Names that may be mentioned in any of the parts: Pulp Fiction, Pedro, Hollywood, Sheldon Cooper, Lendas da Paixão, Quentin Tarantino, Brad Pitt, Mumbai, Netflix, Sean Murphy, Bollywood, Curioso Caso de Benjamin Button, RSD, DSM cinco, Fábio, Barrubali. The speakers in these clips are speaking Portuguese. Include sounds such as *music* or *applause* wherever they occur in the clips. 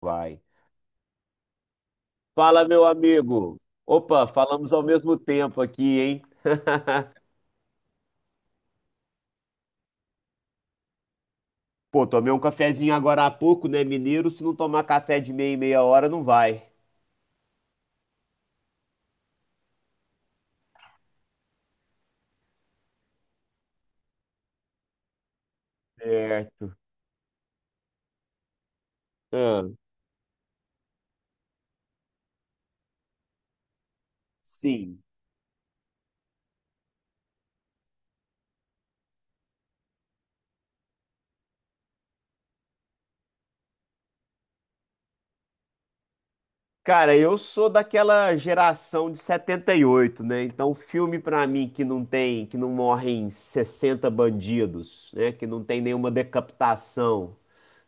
Vai. Fala, meu amigo. Opa, falamos ao mesmo tempo aqui, hein? *laughs* Pô, tomei um cafezinho agora há pouco, né, mineiro? Se não tomar café de meia em meia hora, não vai. Certo. Ah, sim. Cara, eu sou daquela geração de 78, né? Então, filme pra mim que não tem, que não morrem 60 bandidos, né? Que não tem nenhuma decapitação,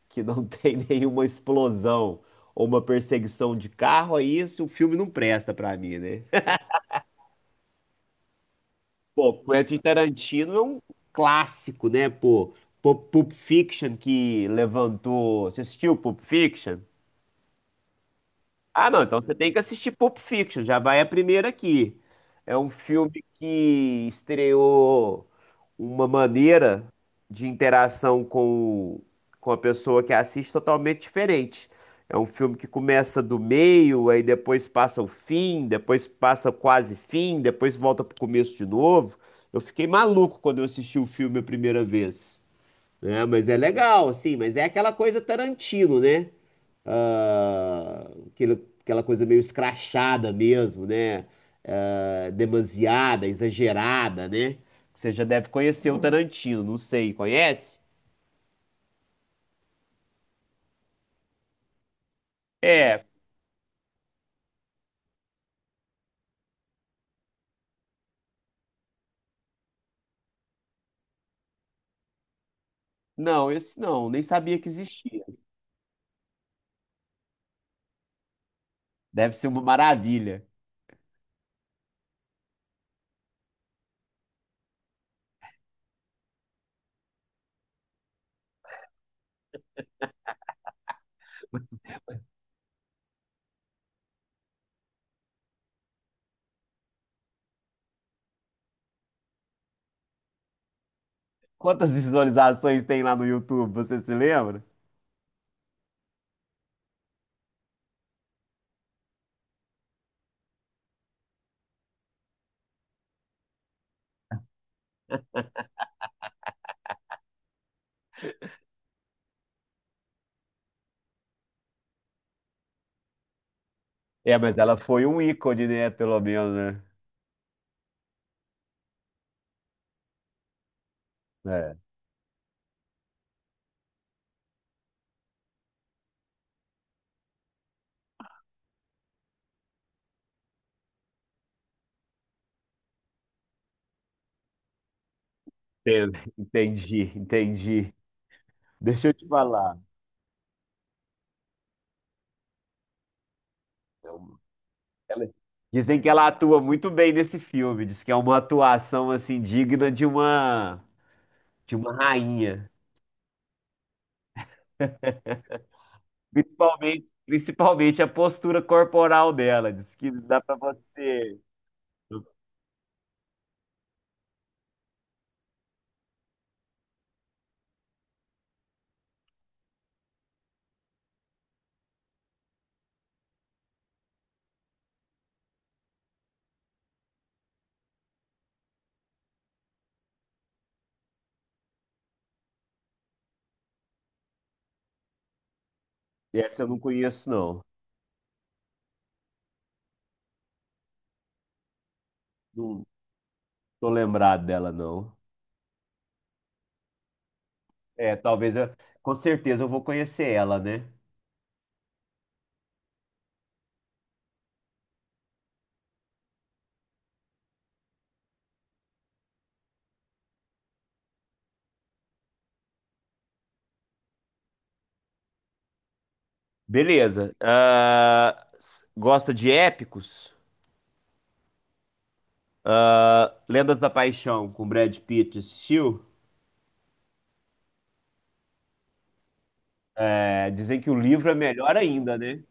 que não *laughs* tem nenhuma explosão ou uma perseguição de carro, aí esse o filme não presta pra mim, né? Pô, Quentin Tarantino é um clássico, né, pô? Pulp Fiction que levantou. Você assistiu Pulp Fiction? Ah, não, então você tem que assistir Pulp Fiction, já vai a primeira aqui. É um filme que estreou uma maneira de interação com a pessoa que assiste totalmente diferente. É um filme que começa do meio, aí depois passa o fim, depois passa o quase fim, depois volta pro começo de novo. Eu fiquei maluco quando eu assisti o filme a primeira vez. Né? Mas é legal, assim, mas é aquela coisa Tarantino, né? ah, aquele- Aquela coisa meio escrachada mesmo, né? Ah, demasiada, exagerada, né? Você já deve conhecer o Tarantino, não sei, conhece? É, não, esse não, nem sabia que existia. Deve ser uma maravilha. *laughs* Quantas visualizações tem lá no YouTube, você se lembra? É, mas ela foi um ícone, né? Pelo menos, né? É, enten- entendi, entendi. Deixa eu te falar. é um Ela- Dizem que ela atua muito bem nesse filme. Diz que é uma atuação assim digna de uma rainha. Principalmente, principalmente a postura corporal dela. Diz que dá pra você. Essa eu não conheço, não. Não tô lembrado dela, não. Talvez eu, com certeza eu vou conhecer ela, né? Beleza. Gosta de épicos? Ah, Lendas da Paixão com Brad Pitt assistiu? É, dizem que o livro é melhor ainda, né?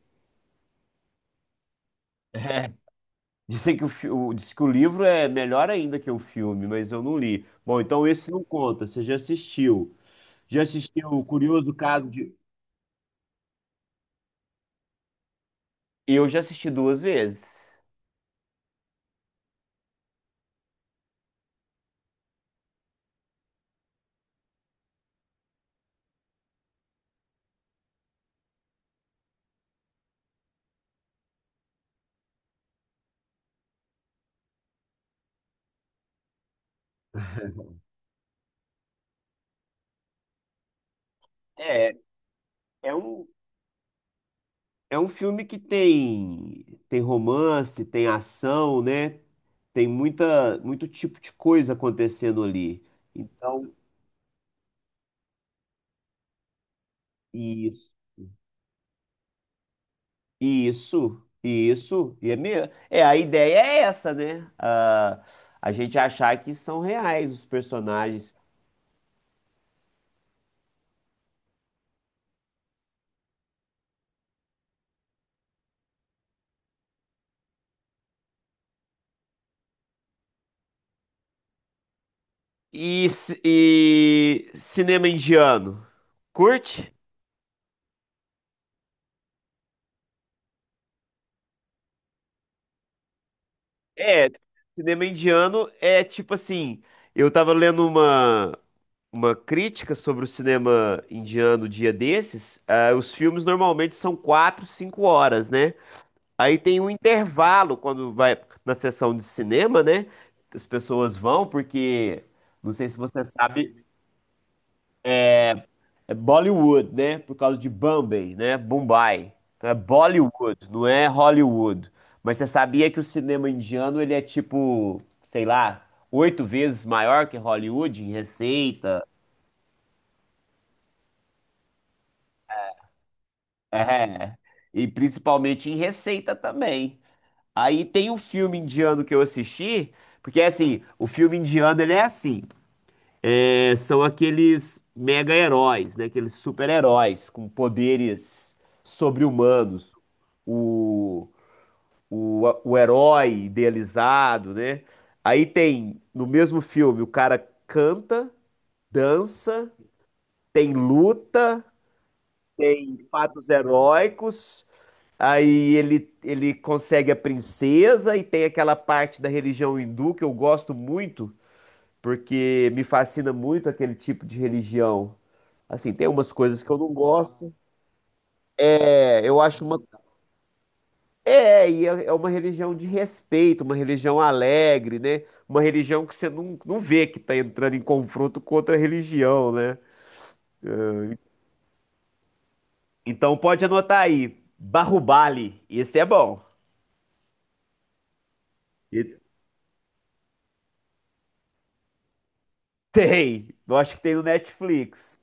Dizem que diz que o livro é melhor ainda que o filme, mas eu não li. Bom, então esse não conta, você já assistiu. Já assistiu o Curioso Caso de. Eu já assisti duas vezes. É, é um, é um filme que tem, tem romance, tem ação, né? Tem muita, muito tipo de coisa acontecendo ali. Então, isso, isso, e é mesmo. É, a ideia é essa, né? Ah, a gente achar que são reais os personagens. E cinema indiano? Curte? É, cinema indiano é tipo assim, eu tava lendo uma crítica sobre o cinema indiano um dia desses. Ah, os filmes normalmente são 4, 5 horas, né? Aí tem um intervalo quando vai na sessão de cinema, né? As pessoas vão, porque não sei se você sabe. É Bollywood, né? Por causa de Bombay, né? Mumbai. Então é Bollywood, não é Hollywood. Mas você sabia que o cinema indiano, ele é tipo, sei lá, 8 vezes maior que Hollywood em receita? É. E principalmente em receita também. Aí tem um filme indiano que eu assisti, porque assim, o filme indiano, ele é assim, é, são aqueles mega-heróis, né? Aqueles super-heróis com poderes sobre-humanos. O o herói idealizado, né? Aí tem, no mesmo filme, o cara canta, dança, tem luta, tem fatos heróicos, aí ele consegue a princesa e tem aquela parte da religião hindu que eu gosto muito, porque me fascina muito aquele tipo de religião. Assim, tem umas coisas que eu não gosto. É, eu acho uma É, é uma religião de respeito, uma religião alegre, né? Uma religião que você não vê que tá entrando em confronto com outra religião, né? Então pode anotar aí, Barrubali, esse é bom. E tem, eu acho que tem no Netflix.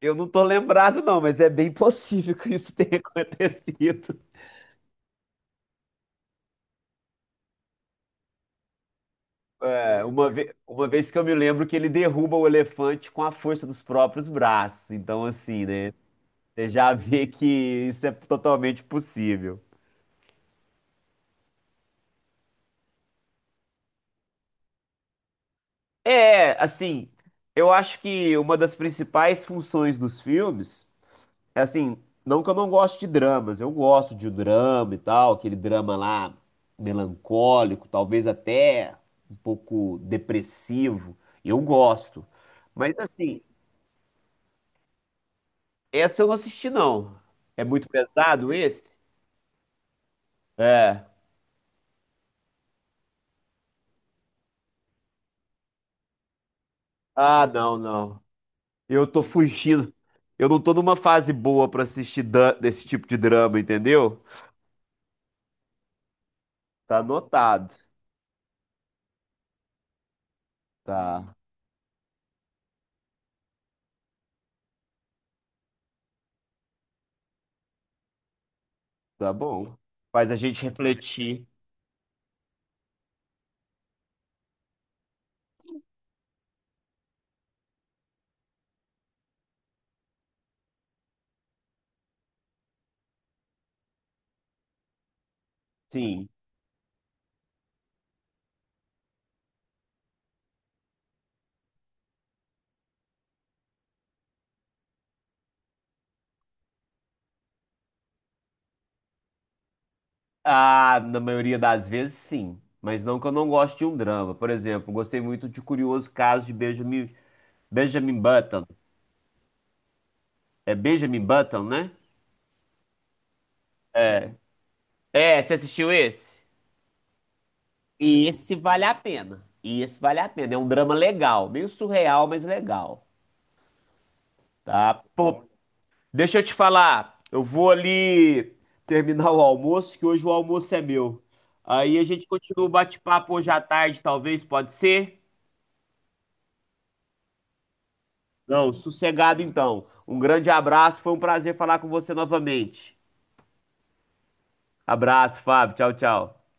Eu não tô lembrado não, mas é bem possível que isso tenha *laughs* acontecido. É, uma vez que eu me lembro que ele derruba o elefante com a força dos próprios braços, então assim, né? Você já vê que isso é totalmente possível. É, assim, eu acho que uma das principais funções dos filmes é assim, não que eu não goste de dramas, eu gosto de drama e tal, aquele drama lá melancólico, talvez até um pouco depressivo, eu gosto. Mas assim, essa eu não assisti não. É muito pesado esse? É. Ah, não, não. Eu tô fugindo. Eu não tô numa fase boa pra assistir desse tipo de drama, entendeu? Tá anotado. Tá. Tá bom. Faz a gente refletir. Sim. Ah, na maioria das vezes, sim. Mas não que eu não goste de um drama. Por exemplo, gostei muito de Curioso Caso de Benjamin, Benjamin Button. É Benjamin Button, né? É, você assistiu esse? Esse vale a pena. Esse vale a pena. É um drama legal. Meio surreal, mas legal. Tá? Pô, deixa eu te falar. Eu vou ali terminar o almoço, que hoje o almoço é meu. Aí a gente continua o bate-papo hoje à tarde, talvez, pode ser? Não, sossegado então. Um grande abraço, foi um prazer falar com você novamente. Abraço, Fábio. Tchau, tchau.